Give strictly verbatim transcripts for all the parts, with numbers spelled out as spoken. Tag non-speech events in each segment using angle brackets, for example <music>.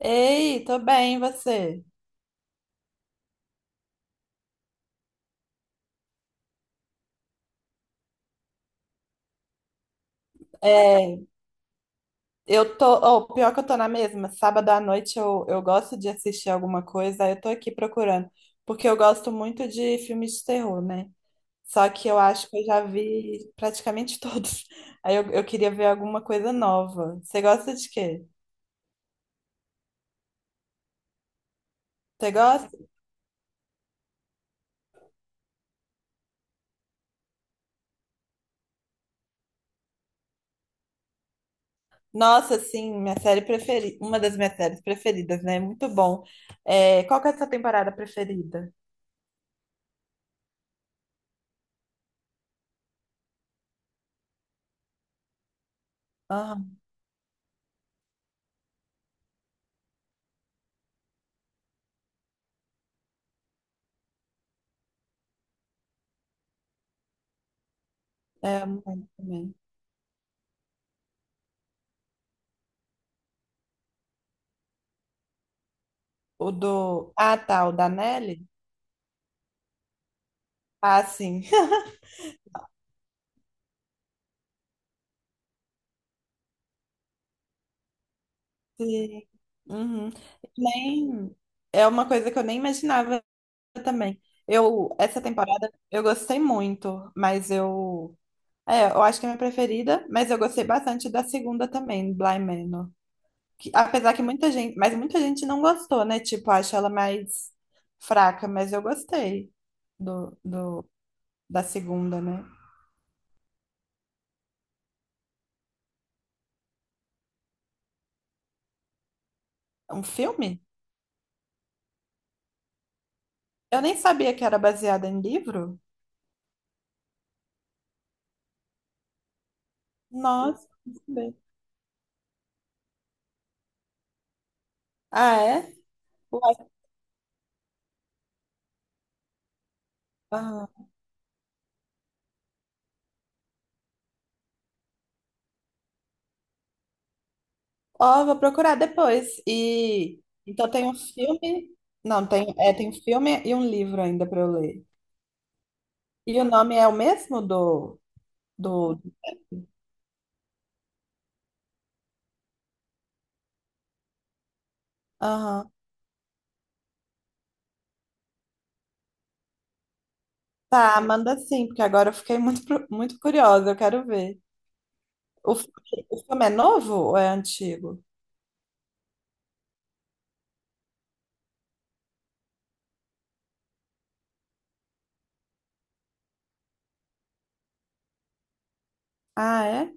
Ei, tô bem, e você? É, eu tô, oh, pior é que eu tô na mesma. Sábado à noite eu, eu gosto de assistir alguma coisa, aí eu tô aqui procurando, porque eu gosto muito de filmes de terror, né? Só que eu acho que eu já vi praticamente todos. <laughs> Aí eu, eu queria ver alguma coisa nova. Você gosta de quê? Você gosta? Nossa, sim, minha série preferida, uma das minhas séries preferidas, né? Muito bom. É, qual que é a sua temporada preferida? Aham, é, eu não lembro também. O do. Ah, tá, o da Nelly? Ah, sim. <laughs> Sim. Uhum. Nem. É uma coisa que eu nem imaginava também. Eu, essa temporada, eu gostei muito, mas eu. É, eu acho que é a minha preferida, mas eu gostei bastante da segunda também, Bly Manor. Que, apesar que muita gente. Mas muita gente não gostou, né? Tipo, acho ela mais fraca, mas eu gostei do, do, da segunda, né? Um filme? Eu nem sabia que era baseada em livro. Nossa, não sabia. Ah, é? Ué, ah. Ó, vou procurar depois. E então tem um filme. Não, tem, é, tem um filme e um livro ainda para eu ler. E o nome é o mesmo do, do... Aham. Tá, manda sim, porque agora eu fiquei muito, pro- muito curiosa, eu quero ver. O, fi- o filme é novo ou é antigo? Ah, é?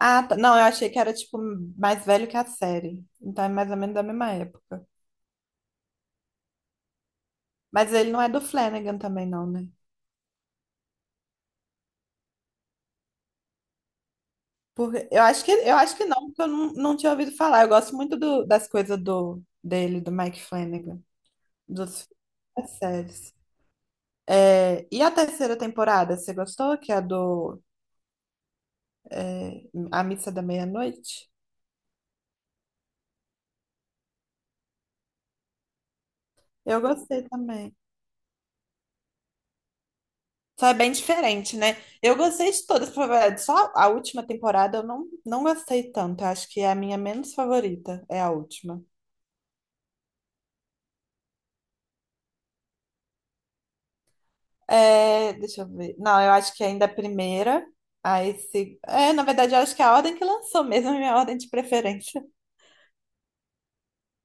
Ah, tá. Não, eu achei que era tipo mais velho que a série. Então é mais ou menos da mesma época. Mas ele não é do Flanagan também, não, né? Porque eu acho que eu acho que não, porque eu não, não tinha ouvido falar. Eu gosto muito do- das coisas do dele, do Mike Flanagan, dos, das séries. É, e a terceira temporada, você gostou? Que é a do é, A Missa da Meia-Noite? Eu gostei também. Só é bem diferente, né? Eu gostei de todas, pra falar a verdade. Só a última temporada eu não, não gostei tanto. Eu acho que é a minha menos favorita, é a última. É, deixa eu ver. Não, eu acho que ainda é a primeira. Aí se... É, na verdade, eu acho que é a ordem que lançou mesmo, <laughs> é a minha ordem de preferência.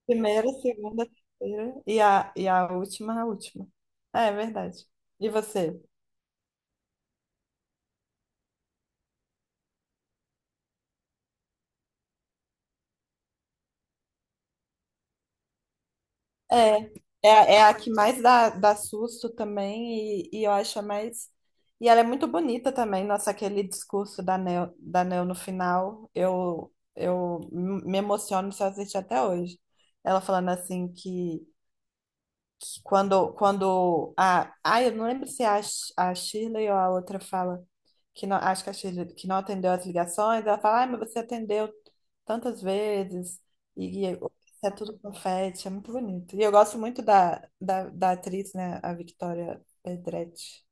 Primeira, segunda, terceira e a, e a última, a última. É, é verdade. E você? É, é, é a que mais dá, dá susto também e, e eu acho a mais... E ela é muito bonita também, nossa, aquele discurso da Neo, da Neo no final, eu, eu me emociono se eu assistir até hoje. Ela falando assim que que quando, quando a. Ai, eu não lembro se é a, Sh- a Shirley ou a outra fala. Que não, acho que a Shirley que não atendeu as ligações. Ela fala, ai, mas você atendeu tantas vezes. E, e é tudo confete. É muito bonito. E eu gosto muito da, da, da atriz, né? A Victoria Pedretti.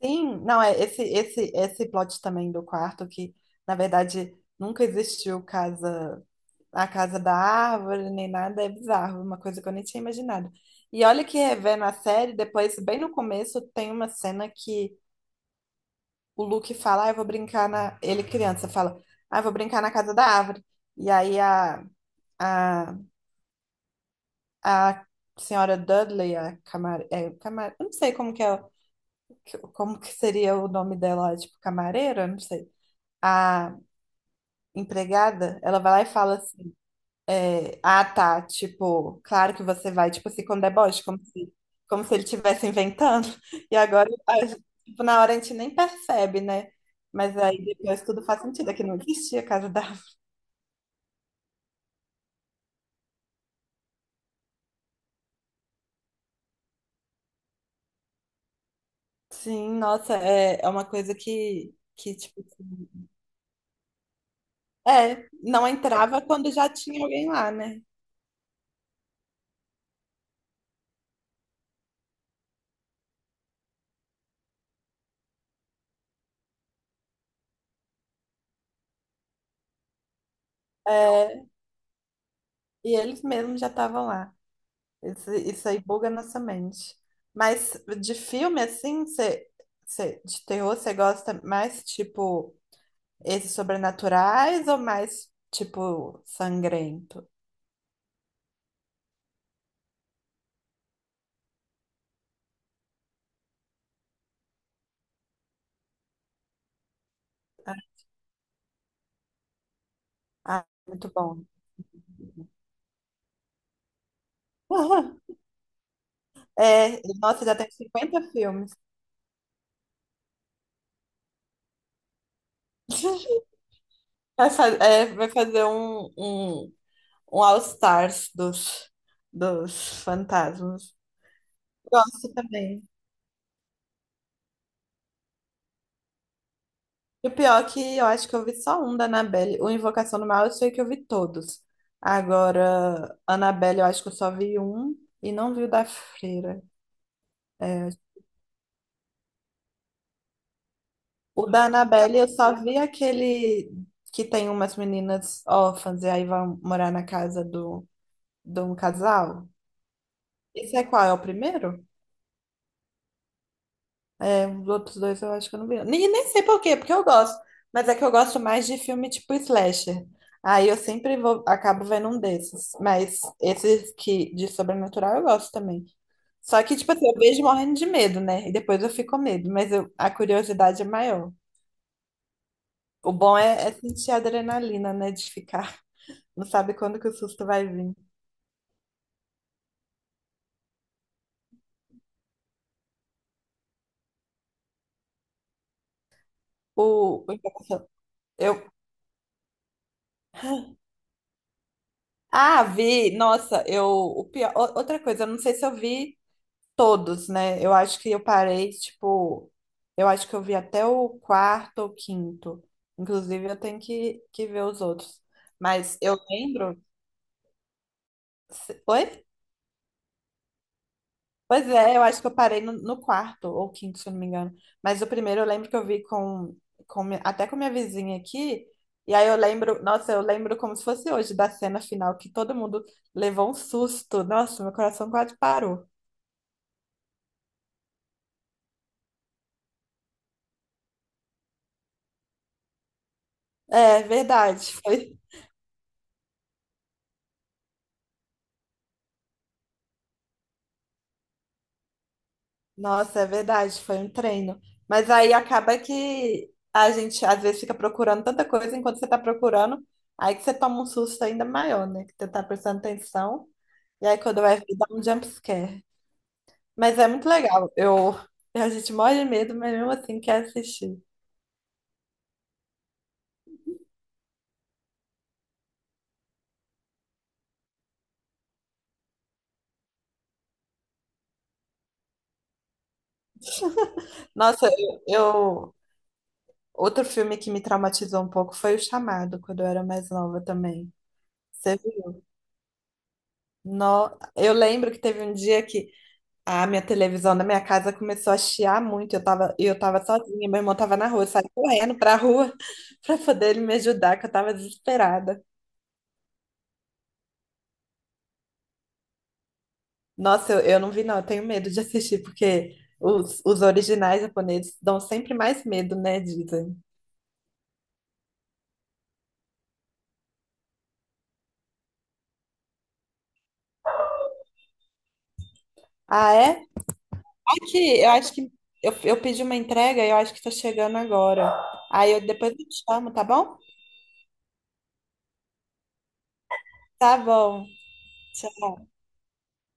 Sim, não, é esse, esse, esse plot também do quarto que, na verdade, nunca existiu casa. A casa da árvore, nem nada, é bizarro, uma coisa que eu nem tinha imaginado. E olha que rever na série, depois, bem no começo, tem uma cena que o Luke fala, ah, eu vou brincar na... Ele criança fala, ah, eu vou brincar na casa da árvore. E aí a, a, a senhora Dudley, a camar... é, camar... eu não sei como que é, o- que- como que seria o nome dela, tipo, camareira, eu não sei. A empregada, ela vai lá e fala assim, é, ah, tá. Tipo, claro que você vai, tipo assim, com deboche, como se, como se ele estivesse inventando. <laughs> E agora, a gente- tipo, na hora a gente nem percebe, né? Mas aí depois tudo faz sentido, é que não existia casa da. <laughs> Avó. Sim, nossa, é, é uma coisa que, que, tipo, assim, é, não entrava quando já tinha alguém lá, né? É, e eles mesmos já estavam lá. Isso, isso aí buga a nossa mente. Mas de filme, assim, você, você, de terror, você gosta mais, tipo. Esses sobrenaturais ou mais, tipo, sangrento? Ah, ah, muito bom. <laughs> É, nossa, já tem cinquenta filmes. <laughs> Vai, fa- é, vai fazer um, um, um All-Stars dos, dos fantasmas. Gosto também. E o pior é que eu acho que eu vi só um da Annabelle. O Invocação do Mal eu sei que eu vi todos. Agora, Annabelle eu acho que eu só vi um e não vi o da Freira. É, o da Annabelle, eu só vi aquele que tem umas meninas órfãs e aí vão morar na casa do, de um casal. Esse é qual? É o primeiro? É, os outros dois eu acho que eu não vi. Nem, nem sei por quê, porque eu gosto. Mas é que eu gosto mais de filme tipo slasher. Aí eu sempre vou, acabo vendo um desses. Mas esses que de sobrenatural eu gosto também. Só que, tipo assim, eu vejo morrendo de medo, né? E depois eu fico com medo, mas eu- a curiosidade é maior. O bom é, é sentir a adrenalina, né? De ficar. Não sabe quando que o susto vai vir. O, o Invocação- eu, ah, vi, nossa, eu, o pior, o- outra coisa, eu não sei se eu vi todos, né? Eu acho que eu parei, tipo, eu acho que eu vi até o quarto ou quinto. Inclusive, eu tenho que, que ver os outros. Mas eu lembro. Se- Oi? Pois é, eu acho que eu parei no, no quarto ou quinto, se eu não me engano. Mas o primeiro eu lembro que eu vi com, com mi- até com minha vizinha aqui. E aí eu lembro, nossa, eu lembro como se fosse hoje da cena final, que todo mundo levou um susto. Nossa, meu coração quase parou. É verdade, foi. Nossa, é verdade, foi um treino. Mas aí acaba que a gente às vezes fica procurando tanta coisa enquanto você tá procurando, aí que você toma um susto ainda maior, né? Que você tá prestando atenção. E aí quando vai ver, dá um jump scare. Mas é muito legal. Eu, a gente morre de medo, mas mesmo assim quer assistir. Nossa, eu, eu- Outro filme que me traumatizou um pouco foi O Chamado, quando eu era mais nova também. Você viu? No... Eu lembro que teve um dia que a minha televisão da minha casa começou a chiar muito. Eu tava, e eu tava sozinha, meu irmão tava na rua, eu saí correndo pra rua <laughs> pra poder ele me ajudar, que eu tava desesperada. Nossa, eu, eu não vi, não, eu tenho medo de assistir, porque os, os originais japoneses dão sempre mais medo, né? Dizem. Ah, é? Aqui, eu acho que eu, eu pedi uma entrega e eu acho que tá chegando agora. Aí eu depois eu te chamo, tá bom? Tá bom. Tchau.